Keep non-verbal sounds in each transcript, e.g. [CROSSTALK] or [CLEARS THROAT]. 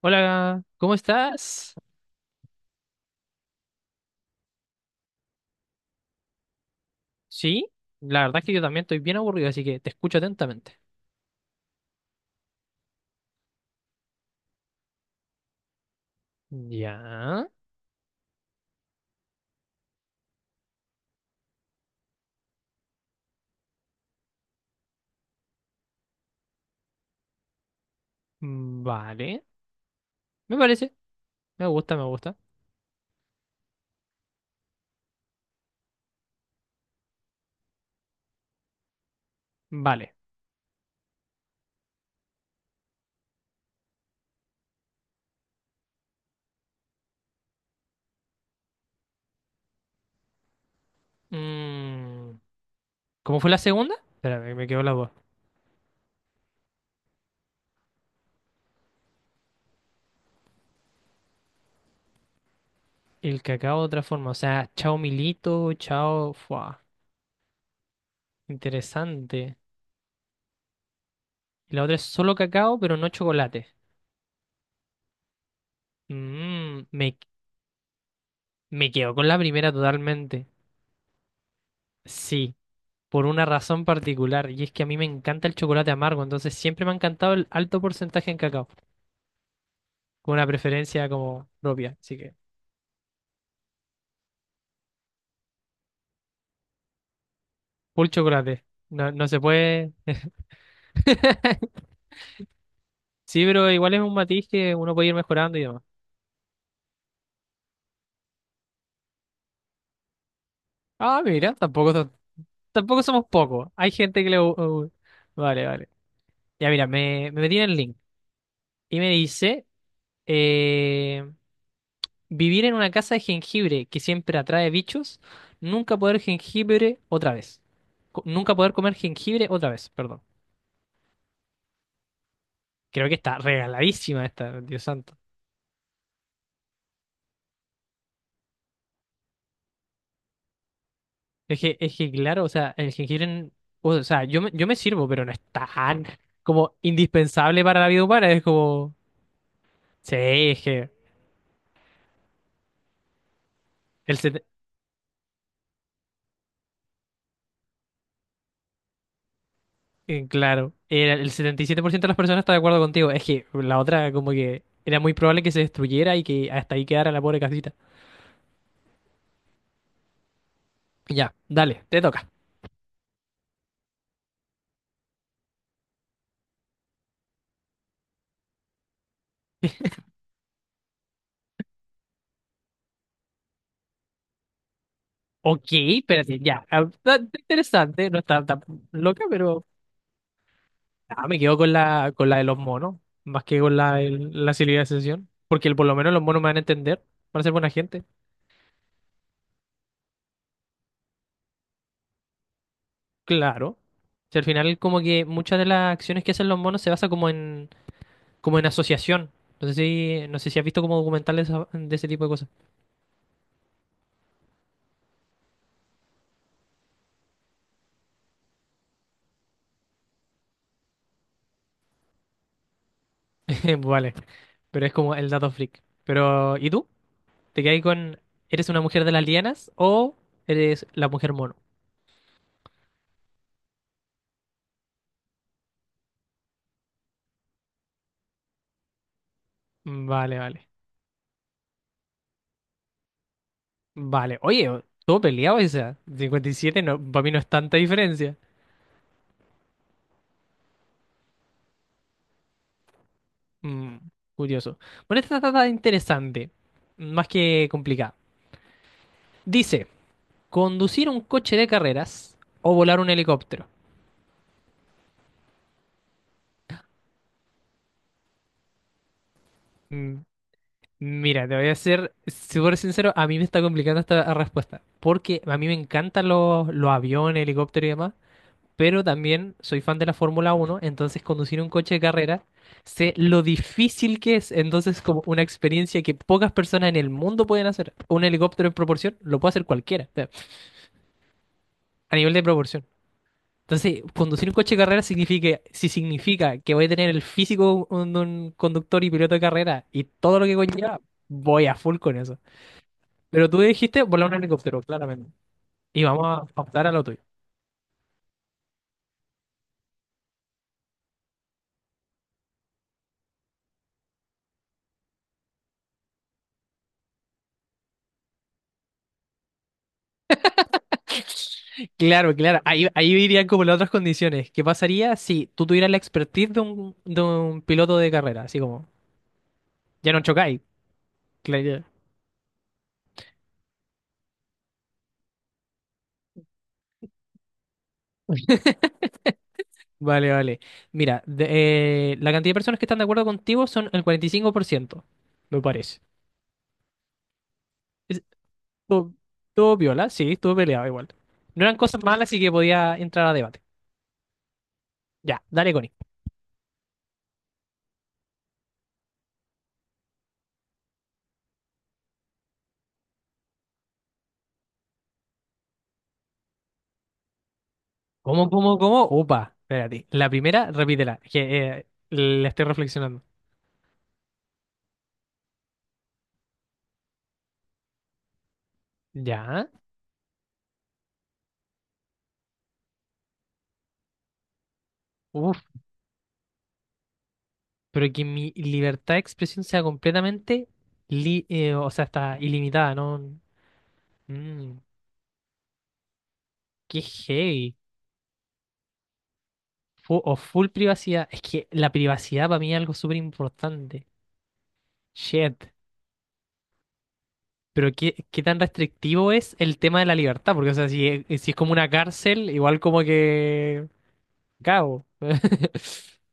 Hola, ¿cómo estás? Sí, la verdad es que yo también estoy bien aburrido, así que te escucho atentamente. Ya, mm, vale. Me parece, me gusta, me gusta. Vale. Mm, ¿Cómo fue la segunda? Espérame, me quedó la voz. El cacao de otra forma, o sea, chao Milito, chao. Fua, interesante. Y la otra es solo cacao, pero no chocolate. Mm, me, me quedo con la primera totalmente. Sí, por una razón particular, y es que a mí me encanta el chocolate amargo, entonces siempre me ha encantado el alto porcentaje en cacao, con una preferencia como propia, así que full chocolate, no, no se puede. [LAUGHS] Sí, pero igual es un matiz que uno puede ir mejorando y demás. Ah, mira, tampoco, tampoco somos pocos, hay gente que le, uh, vale, vale. Ya mira, me metí en el link y me dice, eh, vivir en una casa de jengibre que siempre atrae bichos. Nunca poder jengibre otra vez. Nunca poder comer jengibre otra vez, perdón. Creo que está regaladísima esta, Dios santo. Es que claro, o sea, el jengibre, o sea, yo me sirvo, pero no es tan como indispensable para la vida humana. Es como, sí, es que el, set- claro, era el 77% de las personas está de acuerdo contigo. Es que la otra como que era muy probable que se destruyera y que hasta ahí quedara la pobre casita. Ya, dale, te toca. Ok, espérate, ya. Ah, está interesante, no está tan loca, pero ah, me quedo con la de los monos, más que de la civilización. Porque por lo menos los monos me van a entender, van a ser buena gente. Claro. Si al final como que muchas de las acciones que hacen los monos se basa como en, como en asociación. No sé si has visto como documentales de ese tipo de cosas. [LAUGHS] Vale. Pero es como el dato freak. Pero, ¿y tú? ¿Te quedas eres una mujer de las lianas o eres la mujer mono? Vale, vale. Vale, oye, todo peleado esa. 57 no, para mí no es tanta diferencia. Mm, Curioso. Bueno, esta está tan interesante, más que complicada. Dice, conducir un coche de carreras o volar un helicóptero. Mm, Mira, te voy a ser súper sincero, a mí me está complicando esta respuesta, porque a mí me encantan los aviones, helicópteros y demás, pero también soy fan de la Fórmula Uno, entonces conducir un coche de carrera, sé lo difícil que es, entonces como una experiencia que pocas personas en el mundo pueden hacer. Un helicóptero en proporción lo puede hacer cualquiera, o sea, a nivel de proporción. Entonces, conducir un coche de carrera significa, si significa que voy a tener el físico de un conductor y piloto de carrera y todo lo que conlleva, voy a full con eso. Pero tú dijiste volar un helicóptero, claramente. Y vamos a optar a lo tuyo. Claro, claro. Ahí irían como las otras condiciones. ¿Qué pasaría si tú tuvieras la expertise de de un piloto de carrera? Así como, ya no chocáis. Claro, ya. Vale, vale. Mira, la cantidad de personas que están de acuerdo contigo son el 45%, me parece. Es- Estuvo estuvo piola, sí, estuvo peleado igual. No eran cosas malas, así que podía entrar a debate. Ya, dale, Connie. ¿Cómo, cómo, cómo? Opa, espérate. La primera, repítela, que la estoy reflexionando. Ya. Pero que mi libertad de expresión sea completamente, o sea, está ilimitada, ¿no? Mm, Qué heavy. O full privacidad. Es que la privacidad para mí es algo súper importante. Shit. Pero qué tan restrictivo es el tema de la libertad, porque, o sea, si es como una cárcel, igual como que. Cago. [LAUGHS]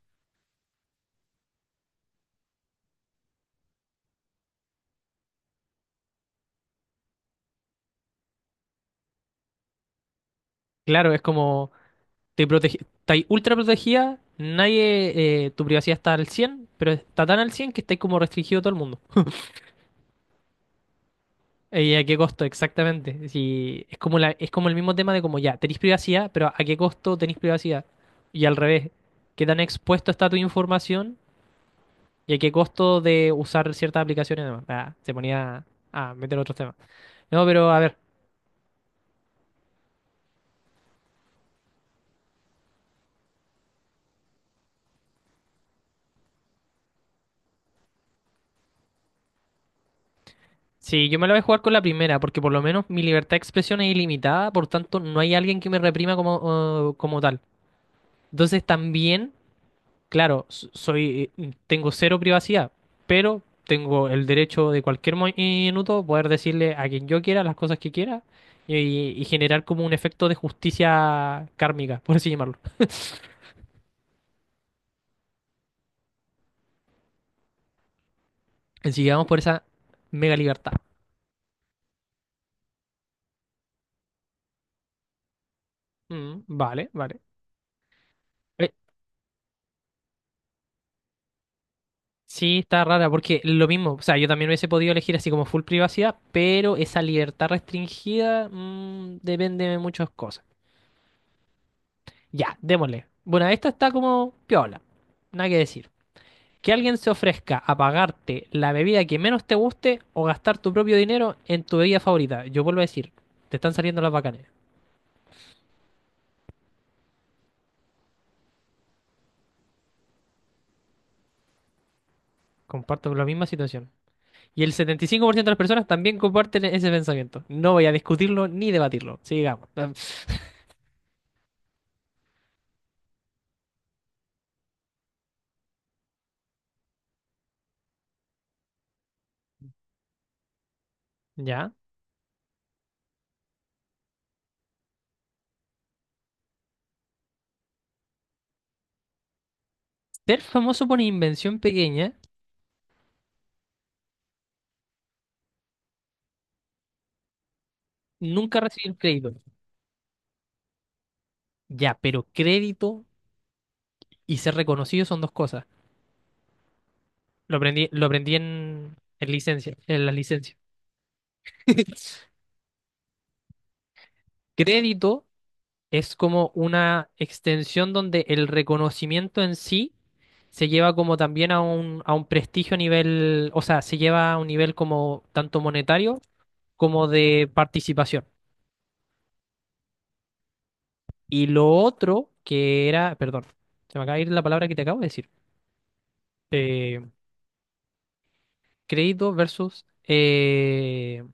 Claro, es como. Te protege, estáis ultra protegida, nadie, tu privacidad está al 100 pero está tan al 100 que estáis como restringido todo el mundo. ¿Y a qué costo? Exactamente. Si es como la, es como el mismo tema de como ya, tenéis privacidad, pero ¿a qué costo tenéis privacidad? Y al revés, ¿qué tan expuesto está tu información? ¿Y a qué costo de usar ciertas aplicaciones? Además, ah, se ponía a meter otros temas. No, pero a ver, si yo me la voy a jugar con la primera, porque por lo menos mi libertad de expresión es ilimitada, por tanto no hay alguien que me reprima como, como tal. Entonces también claro, soy, tengo cero privacidad, pero tengo el derecho de cualquier minuto poder decirle a quien yo quiera las cosas que quiera y, y generar como un efecto de justicia kármica, por así llamarlo. Así que vamos por esa mega libertad. Mm, vale, vale. Eh, sí, está rara porque lo mismo, o sea, yo también hubiese podido elegir así como full privacidad, pero esa libertad restringida depende de muchas cosas. Ya, démosle. Bueno, esta está como piola, nada que decir. Que alguien se ofrezca a pagarte la bebida que menos te guste o gastar tu propio dinero en tu bebida favorita. Yo vuelvo a decir, te están saliendo las bacanes. Comparto la misma situación. Y el 75% de las personas también comparten ese pensamiento. No voy a discutirlo ni debatirlo. Sigamos. Ya. Ser famoso por invención pequeña, nunca recibir crédito. Ya, pero crédito y ser reconocido son dos cosas. Lo aprendí en licencia, en las licencias. [LAUGHS] Crédito es como una extensión donde el reconocimiento en sí se lleva como también a un prestigio a nivel, o sea, se lleva a un nivel como tanto monetario como de participación. Y lo otro que era, perdón, se me acaba de ir la palabra que te acabo de decir, eh, crédito versus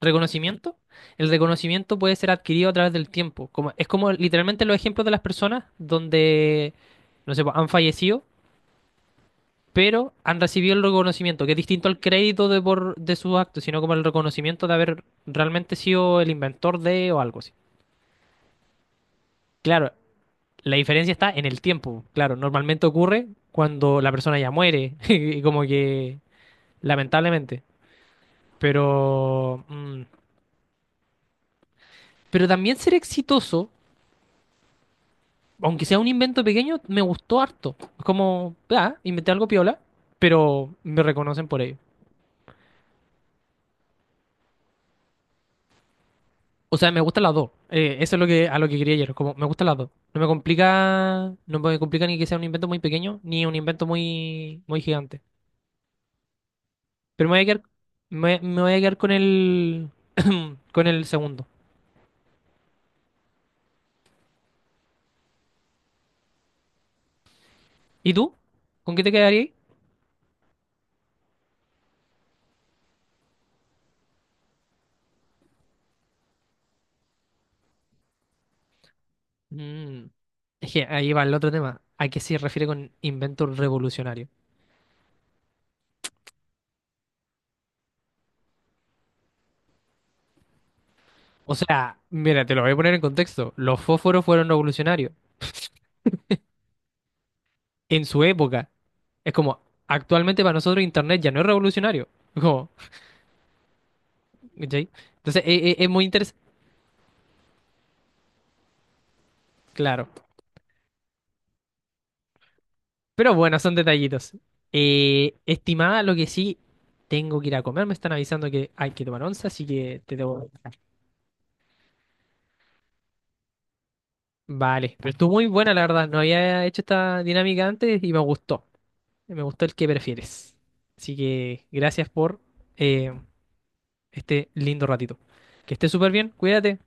reconocimiento. El reconocimiento puede ser adquirido a través del tiempo. Como, es como literalmente los ejemplos de las personas donde, no sé, pues, han fallecido pero han recibido el reconocimiento, que es distinto al crédito de, por, de sus actos, sino como el reconocimiento de haber realmente sido el inventor de o algo así. Claro, la diferencia está en el tiempo. Claro, normalmente ocurre cuando la persona ya muere, [LAUGHS] y como que lamentablemente. Pero, mm, pero también ser exitoso, aunque sea un invento pequeño, me gustó harto. Es como, ah, inventé algo piola, pero me reconocen por ello. O sea, me gustan las dos. Eso es lo que, a lo que quería ayer. Como me gustan las dos. No me complica, no me complica ni que sea un invento muy pequeño, ni un invento muy, muy gigante. Pero me voy a quedar, me voy a quedar con el, [COUGHS] [CLEARS THROAT] con el segundo. ¿Y tú? ¿Con qué te quedarías? Mm, es que ahí va el otro tema. ¿A qué se refiere con invento revolucionario? O sea, mira, te lo voy a poner en contexto. Los fósforos fueron revolucionarios en su época. Es como, actualmente para nosotros Internet ya no es revolucionario. Es como, ¿cachai? Entonces, es muy interesante. Claro. Pero bueno, son detallitos. Estimada, lo que sí, tengo que ir a comer. Me están avisando que hay que tomar once, así que te debo. Vale. Pero estuvo muy buena, la verdad. No había hecho esta dinámica antes y me gustó. Me gustó el que prefieres. Así que gracias por eh, este lindo ratito. Que estés súper bien. Cuídate.